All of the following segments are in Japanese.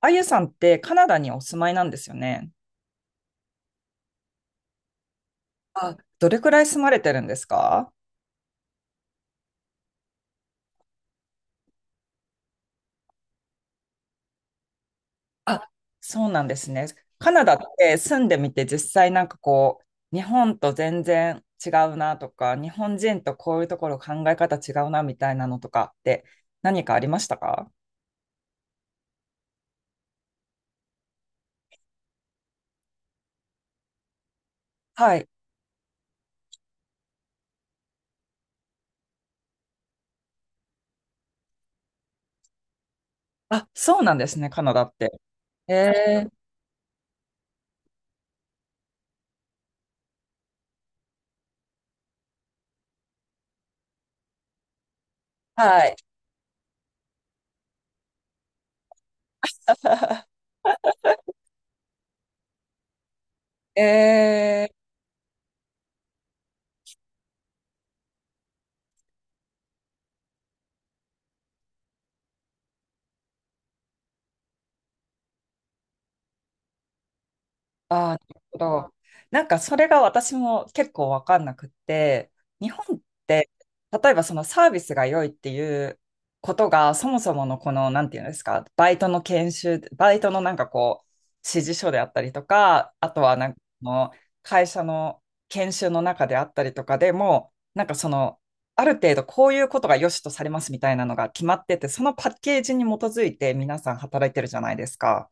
あゆさんってカナダにお住まいなんですよね。あ、どれくらい住まれてるんですか？あ、そうなんですね。カナダって住んでみて実際なんかこう、日本と全然違うなとか、日本人とこういうところ考え方違うなみたいなのとかって何かありましたか？はい。あ、そうなんですね、カナダって。えー、はい。え、ああ、なるほど。なんかそれが私も結構わかんなくって、日本って例えばそのサービスが良いっていうことがそもそものこの、なんていうんですか、バイトの研修、バイトのなんかこう、指示書であったりとか、あとはなんかその会社の研修の中であったりとかでも、なんかその、ある程度こういうことが良しとされますみたいなのが決まってて、そのパッケージに基づいて皆さん働いてるじゃないですか。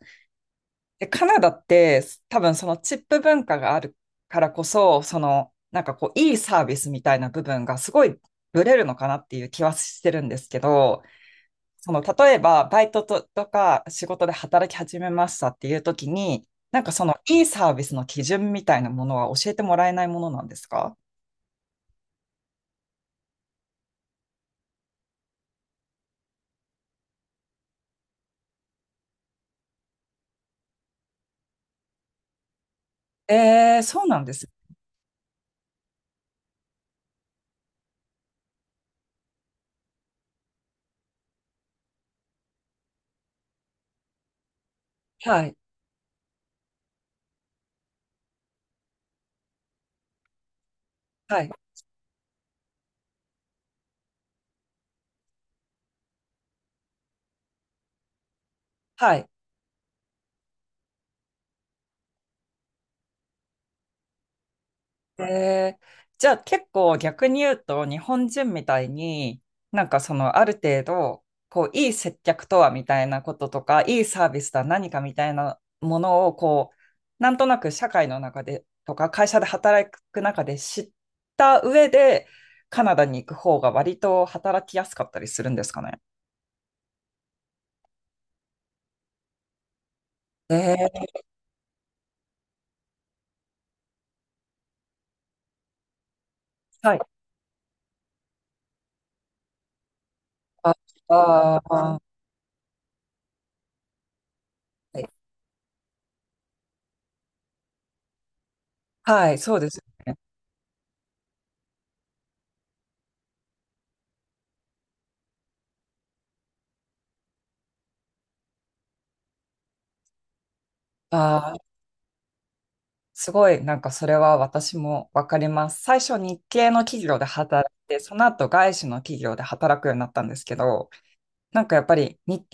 で、カナダって多分そのチップ文化があるからこそ、そのなんかこういいサービスみたいな部分がすごいブレるのかなっていう気はしてるんですけど、その例えばバイトと、とか仕事で働き始めましたっていう時に、なんかそのいいサービスの基準みたいなものは教えてもらえないものなんですか？えー、そうなんです。はい、はい、はい。えー、じゃあ結構逆に言うと日本人みたいになんかそのある程度こういい接客とはみたいなこととかいいサービスとは何かみたいなものをこうなんとなく社会の中でとか会社で働く中で知った上でカナダに行く方が割と働きやすかったりするんですかね？えー、はい。ああー、はい、はい、そうですね。あ、すごい、なんかそれは私もわかります。最初日系の企業で働いて、その後外資の企業で働くようになったんですけど、なんかやっぱり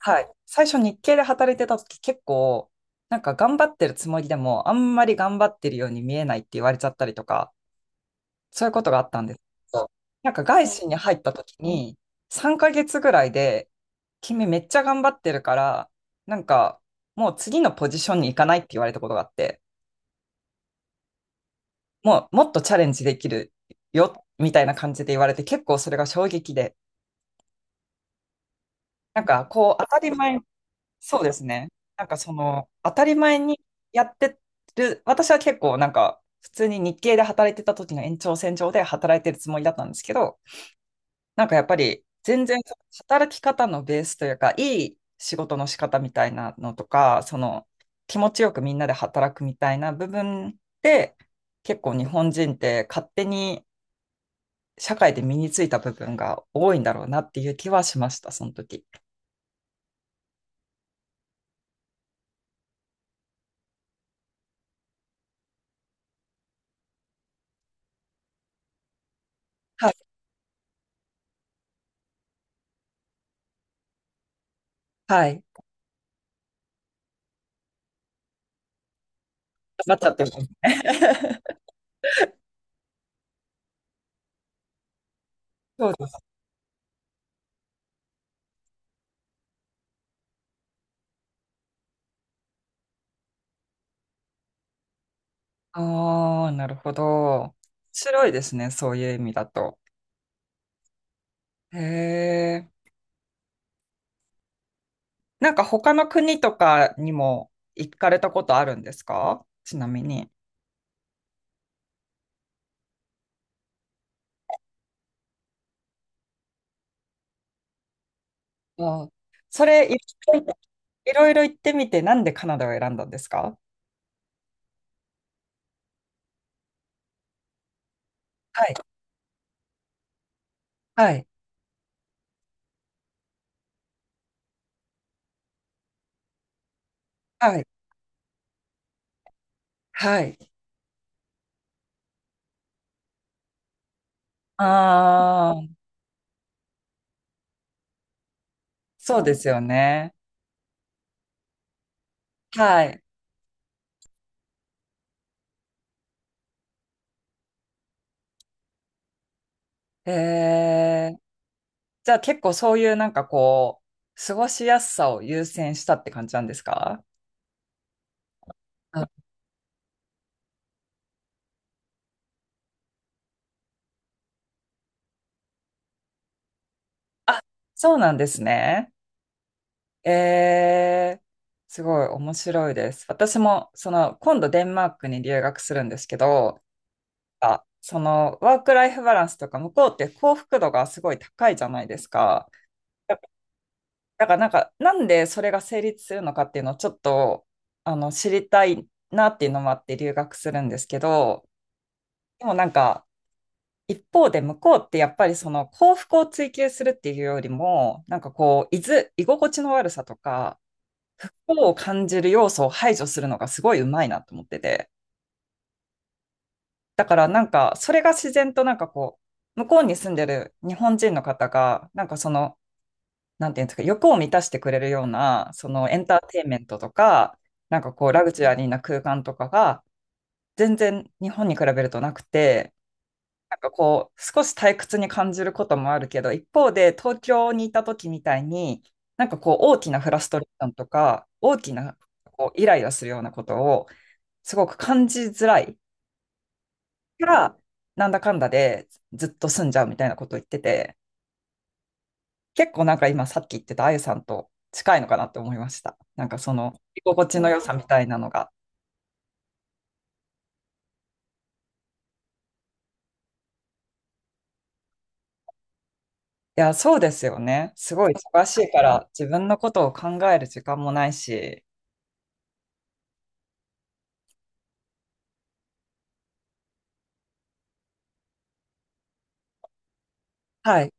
はい、最初日系で働いてた時結構、なんか頑張ってるつもりでも、あんまり頑張ってるように見えないって言われちゃったりとか、そういうことがあったんですけど、なんか外資に入った時に、3ヶ月ぐらいで、君めっちゃ頑張ってるから、なんかもう次のポジションに行かないって言われたことがあって、もうもっとチャレンジできるよみたいな感じで言われて結構それが衝撃でなんかこう当たり前、そうですね。なんかその当たり前にやってる私は結構なんか普通に日系で働いてた時の延長線上で働いてるつもりだったんですけど、なんかやっぱり全然働き方のベースというかいい仕事の仕方みたいなのとかその気持ちよくみんなで働くみたいな部分で結構日本人って勝手に社会で身についた部分が多いんだろうなっていう気はしました、その時。はい。はい。なっちゃってる。そうです。ああ、なるほど。面白いですね、そういう意味だと。へえ。なんか他の国とかにも行かれたことあるんですか、ちなみに？あーそれ、いろいろいろいろ行ってみて、なんでカナダを選んだんですか？はい。はい。はい。はい。ああ、そうですよね。はい。へえ。じゃあ結構そういうなんかこう、過ごしやすさを優先したって感じなんですか？あ、そうなんですね。えー、すごい面白いです。私もその今度デンマークに留学するんですけど、あ、そのワークライフバランスとか向こうって幸福度がすごい高いじゃないですか。だだからなんか、なんでそれが成立するのかっていうのをちょっとあの知りたいなっていうのもあって留学するんですけど、でもなんか一方で向こうってやっぱりその幸福を追求するっていうよりも、なんかこう、居ず、居心地の悪さとか、不幸を感じる要素を排除するのがすごいうまいなと思ってて。だからなんか、それが自然となんかこう、向こうに住んでる日本人の方が、なんかその、なんていうんですか、欲を満たしてくれるような、そのエンターテインメントとか、なんかこう、ラグジュアリーな空間とかが、全然日本に比べるとなくて、なんかこう、少し退屈に感じることもあるけど、一方で東京にいた時みたいに、なんかこう、大きなフラストレーションとか、大きなこうイライラするようなことを、すごく感じづらいから、なんだかんだでずっと住んじゃうみたいなことを言ってて、結構なんか今さっき言ってたあゆさんと近いのかなって思いました。なんかその、居心地の良さみたいなのが。いや、そうですよね。すごい忙しいから、自分のことを考える時間もないし、はい。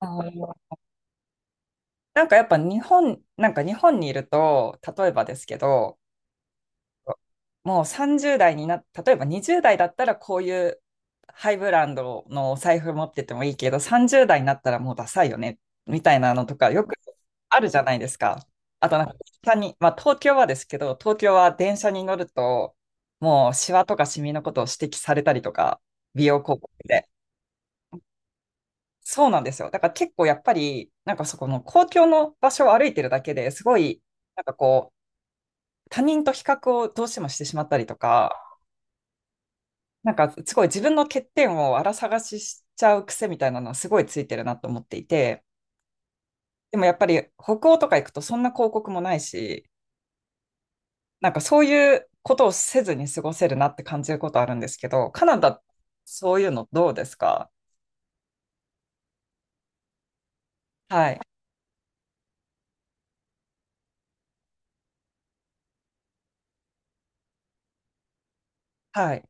あー、なんかやっぱ日本、なんか日本にいると、例えばですけど、もう30代にな、例えば20代だったらこういうハイブランドのお財布持っててもいいけど、30代になったらもうダサいよね、みたいなのとかよくあるじゃないですか。あとなんか、電車に、まあ東京はですけど、東京は電車に乗ると、もうシワとかシミのことを指摘されたりとか、美容広告で。そうなんですよ。だから結構やっぱり、なんかそこの公共の場所を歩いてるだけですごい、なんかこう、他人と比較をどうしてもしてしまったりとか、なんかすごい自分の欠点をあら探ししちゃう癖みたいなのはすごいついてるなと思っていて、でもやっぱり北欧とか行くとそんな広告もないし、なんかそういうことをせずに過ごせるなって感じることあるんですけど、カナダ、そういうのどうですか？はい。はい。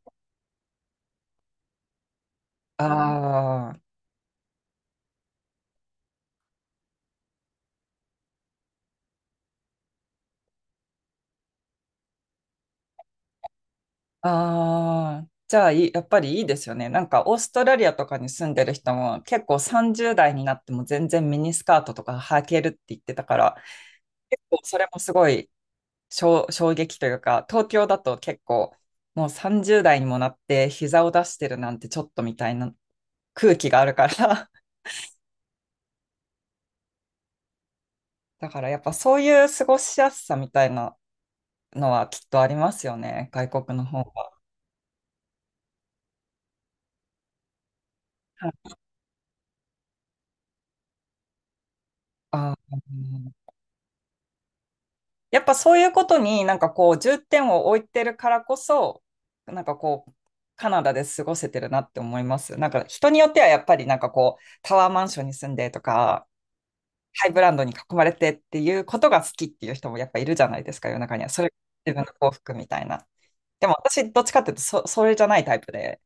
ああ。ああ、じゃあいい、やっぱりいいですよね。なんかオーストラリアとかに住んでる人も結構30代になっても全然ミニスカートとか履けるって言ってたから、結構それもすごい衝撃というか、東京だと結構もう30代にもなって膝を出してるなんてちょっとみたいな空気があるから、だからやっぱそういう過ごしやすさみたいなのはきっとありますよね、外国の方は。ああー、やっぱそういうことになんかこう重点を置いてるからこそ、なんかこう、カナダで過ごせてるなって思います。なんか人によってはやっぱりなんかこう、タワーマンションに住んでとか、ハイブランドに囲まれてっていうことが好きっていう人もやっぱいるじゃないですか、世の中には。それが自分の幸福みたいな。でも私、どっちかっていうとそれじゃないタイプで、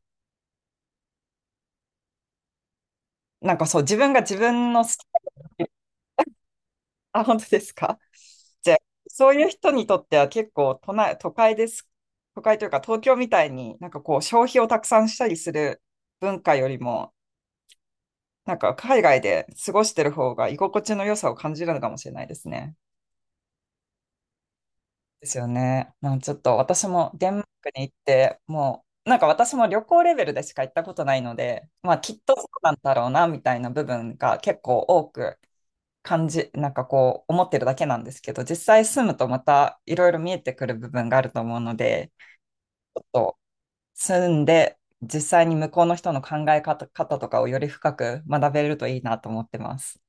なんかそう、自分が自分の好きな、あ、本当ですか？じゃあ、そういう人にとっては結構都内、都会です。都会というか東京みたいになんかこう消費をたくさんしたりする文化よりも、なんか海外で過ごしてる方が居心地の良さを感じるのかもしれないですね。ですよね。なんかちょっと私もデンマークに行って、もうなんか私も旅行レベルでしか行ったことないので、まあきっとそうなんだろうなみたいな部分が結構多くなんかこう思ってるだけなんですけど、実際住むとまたいろいろ見えてくる部分があると思うので、ちょっと住んで実際に向こうの人の考え方とかをより深く学べるといいなと思ってます。